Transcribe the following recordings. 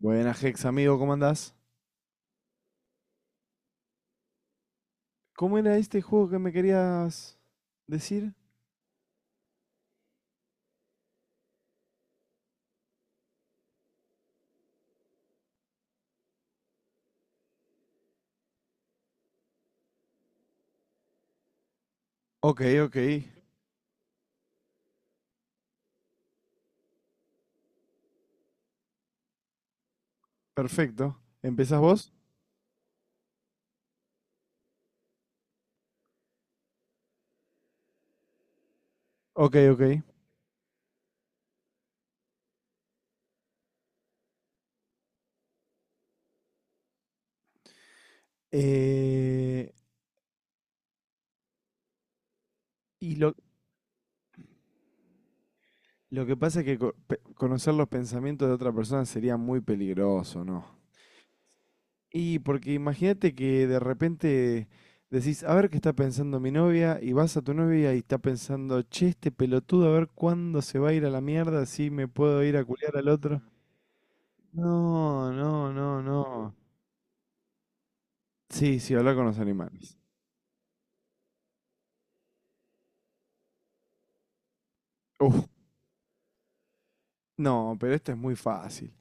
Buenas, Hex, amigo, ¿cómo andás? ¿Cómo era este juego que me querías decir? Ok, ok, perfecto. ¿Empezás vos? Ok, ok. Eh, y lo, lo que pasa es que conocer los pensamientos de otra persona sería muy peligroso, ¿no? Y porque imagínate que de repente decís, a ver qué está pensando mi novia, y vas a tu novia y está pensando, che, este pelotudo, a ver cuándo se va a ir a la mierda, si me puedo ir a culiar al otro. No, no, no, no. Sí, sí, habla con los animales. Uf, no, pero esto es muy fácil.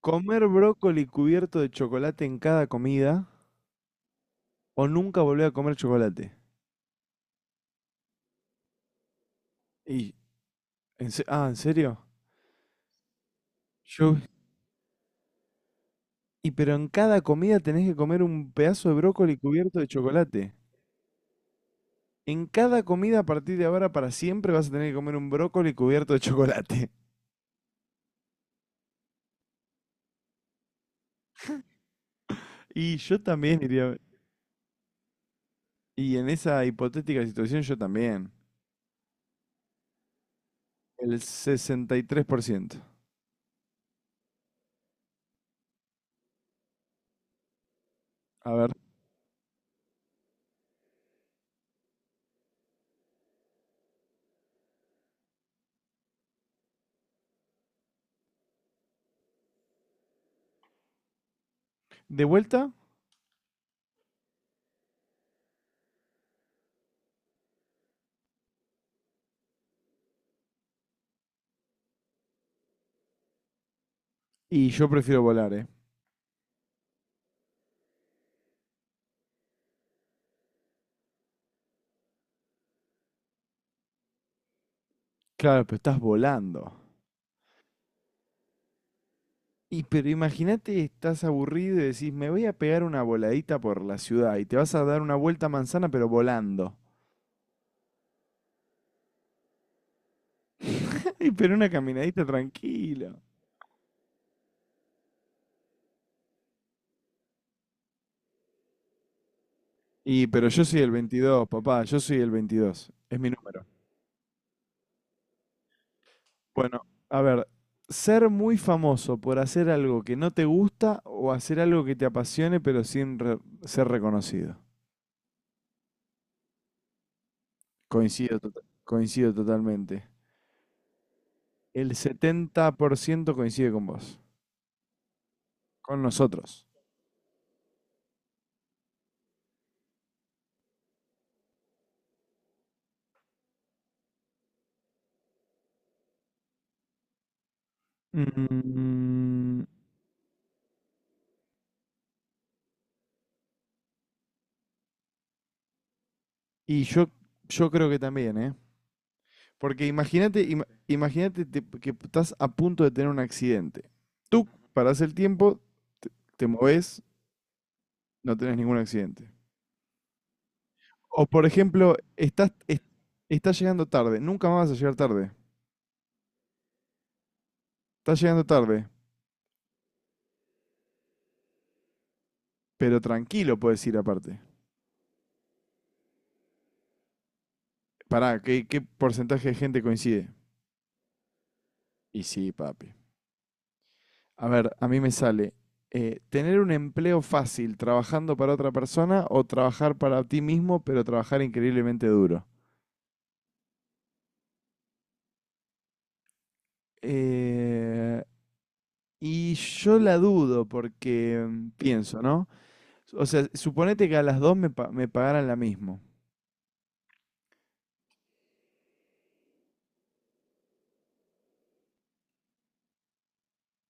Comer brócoli cubierto de chocolate en cada comida o nunca volver a comer chocolate. Y, ah, ¿en serio? Yo, y pero en cada comida tenés que comer un pedazo de brócoli cubierto de chocolate. En cada comida a partir de ahora para siempre vas a tener que comer un brócoli cubierto de chocolate. Y yo también iría, y en esa hipotética situación yo también. El 63%. A ver, de vuelta. Y yo prefiero volar, ¿eh? Claro, pero estás volando. Y pero imagínate, estás aburrido y decís, me voy a pegar una voladita por la ciudad y te vas a dar una vuelta a manzana, pero volando. Y pero una caminadita tranquilo. Y pero yo soy el 22, papá, yo soy el 22. Es mi número. Bueno, a ver, ser muy famoso por hacer algo que no te gusta o hacer algo que te apasione, pero sin ser reconocido. Coincido, coincido totalmente. El 70% coincide con vos. Con nosotros. Mm, y yo creo que también, ¿eh? Porque imagínate que estás a punto de tener un accidente. Tú parás el tiempo, te, te movés, no tenés ningún accidente. O por ejemplo, estás llegando tarde, nunca más vas a llegar tarde. Estás llegando tarde, pero tranquilo puedes ir aparte. Pará, ¿qué porcentaje de gente coincide? Y sí, papi. A ver, a mí me sale tener un empleo fácil trabajando para otra persona o trabajar para ti mismo, pero trabajar increíblemente duro. Eh, y yo la dudo porque pienso, ¿no? O sea, suponete que a las dos me pagaran la mismo.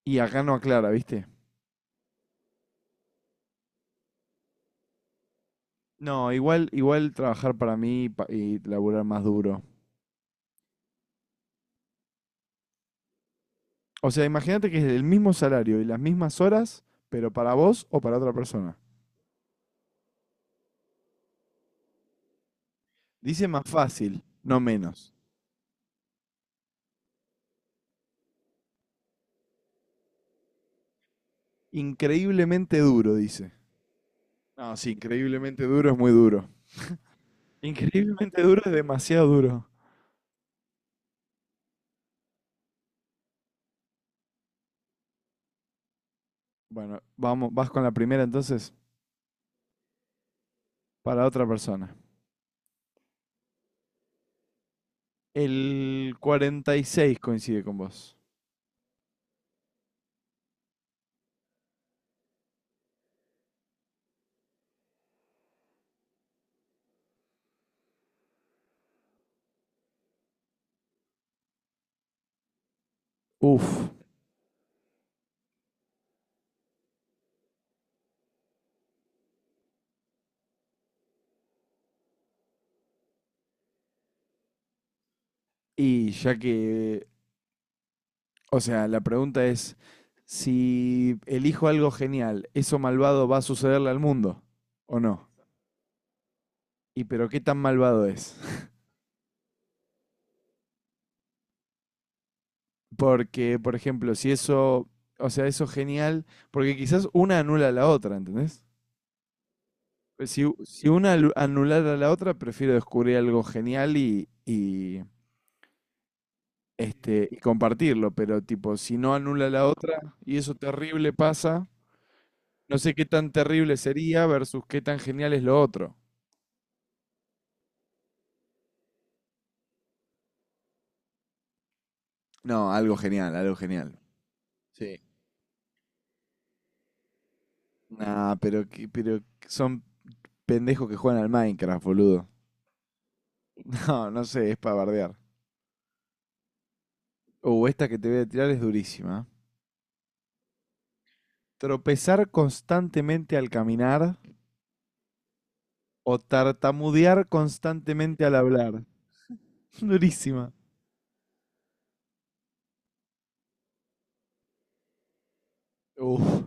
Y acá no aclara, ¿viste? No, igual trabajar para mí y laburar más duro. O sea, imagínate que es el mismo salario y las mismas horas, pero para vos o para otra persona. Dice más fácil, no menos. Increíblemente duro, dice. No, sí, increíblemente duro es muy duro. Increíblemente duro es demasiado duro. Bueno, vamos, vas con la primera entonces para otra persona. El 46 coincide con vos. Uf. Y ya que, o sea, la pregunta es, si elijo algo genial, ¿eso malvado va a sucederle al mundo o no? ¿Y pero qué tan malvado es? Porque, por ejemplo, si eso, o sea, eso genial, porque quizás una anula a la otra, ¿entendés? Pues si una anulara a la otra, prefiero descubrir algo genial y compartirlo, pero tipo, si no anula la otra y eso terrible pasa, no sé qué tan terrible sería versus qué tan genial es lo otro. No, algo genial, algo genial. Sí. Nah, pero son pendejos que juegan al Minecraft, boludo. No, no sé, es para bardear. Esta que te voy a tirar es durísima. Tropezar constantemente al caminar o tartamudear constantemente al hablar. Durísima. Uf.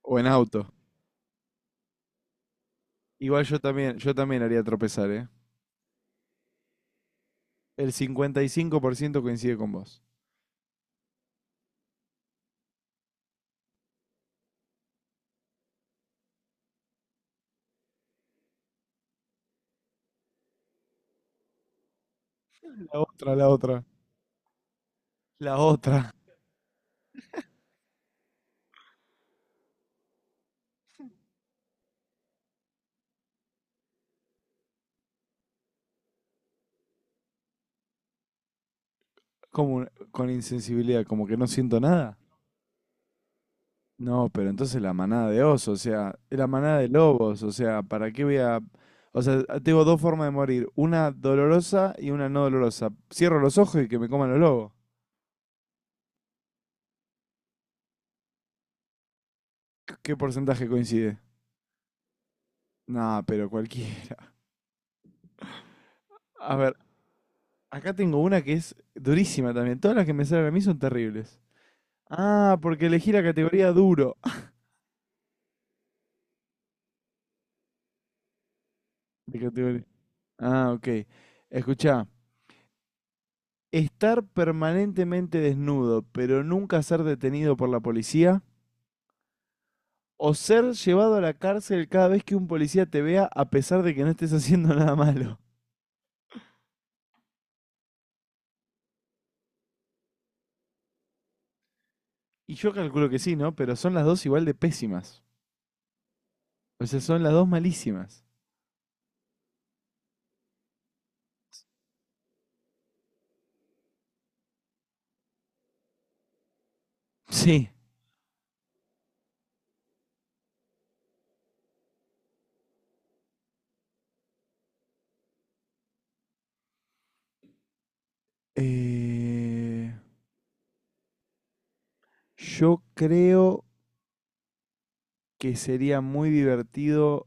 O en auto. Igual yo también haría tropezar, ¿eh? El 55% coincide con vos. La otra, la otra. La otra. Como con insensibilidad, como que no siento nada. No, pero entonces la manada de osos, o sea, la manada de lobos, o sea, ¿para qué voy a...? O sea, tengo dos formas de morir, una dolorosa y una no dolorosa. Cierro los ojos y que me coman los lobos. ¿Qué porcentaje coincide? No, pero cualquiera. A ver, acá tengo una que es durísima también. Todas las que me salen a mí son terribles. Ah, porque elegí la categoría duro. De categoría. Ah, ok. Escuchá. Estar permanentemente desnudo, pero nunca ser detenido por la policía. O ser llevado a la cárcel cada vez que un policía te vea a pesar de que no estés haciendo nada malo. Y yo calculo que sí, ¿no? Pero son las dos igual de pésimas. O sea, son las dos malísimas. Sí. Eh, yo creo que sería muy divertido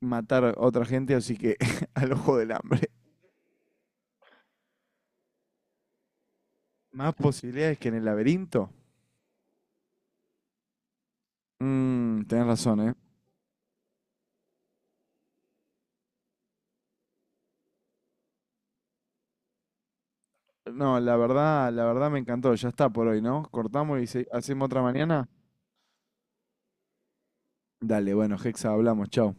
matar a otra gente, así que al ojo del hambre. Más posibilidades que en el laberinto. Tenés razón, ¿eh? No, la verdad me encantó. Ya está por hoy, ¿no? Cortamos y hacemos otra mañana. Dale, bueno, Hexa, hablamos, chao.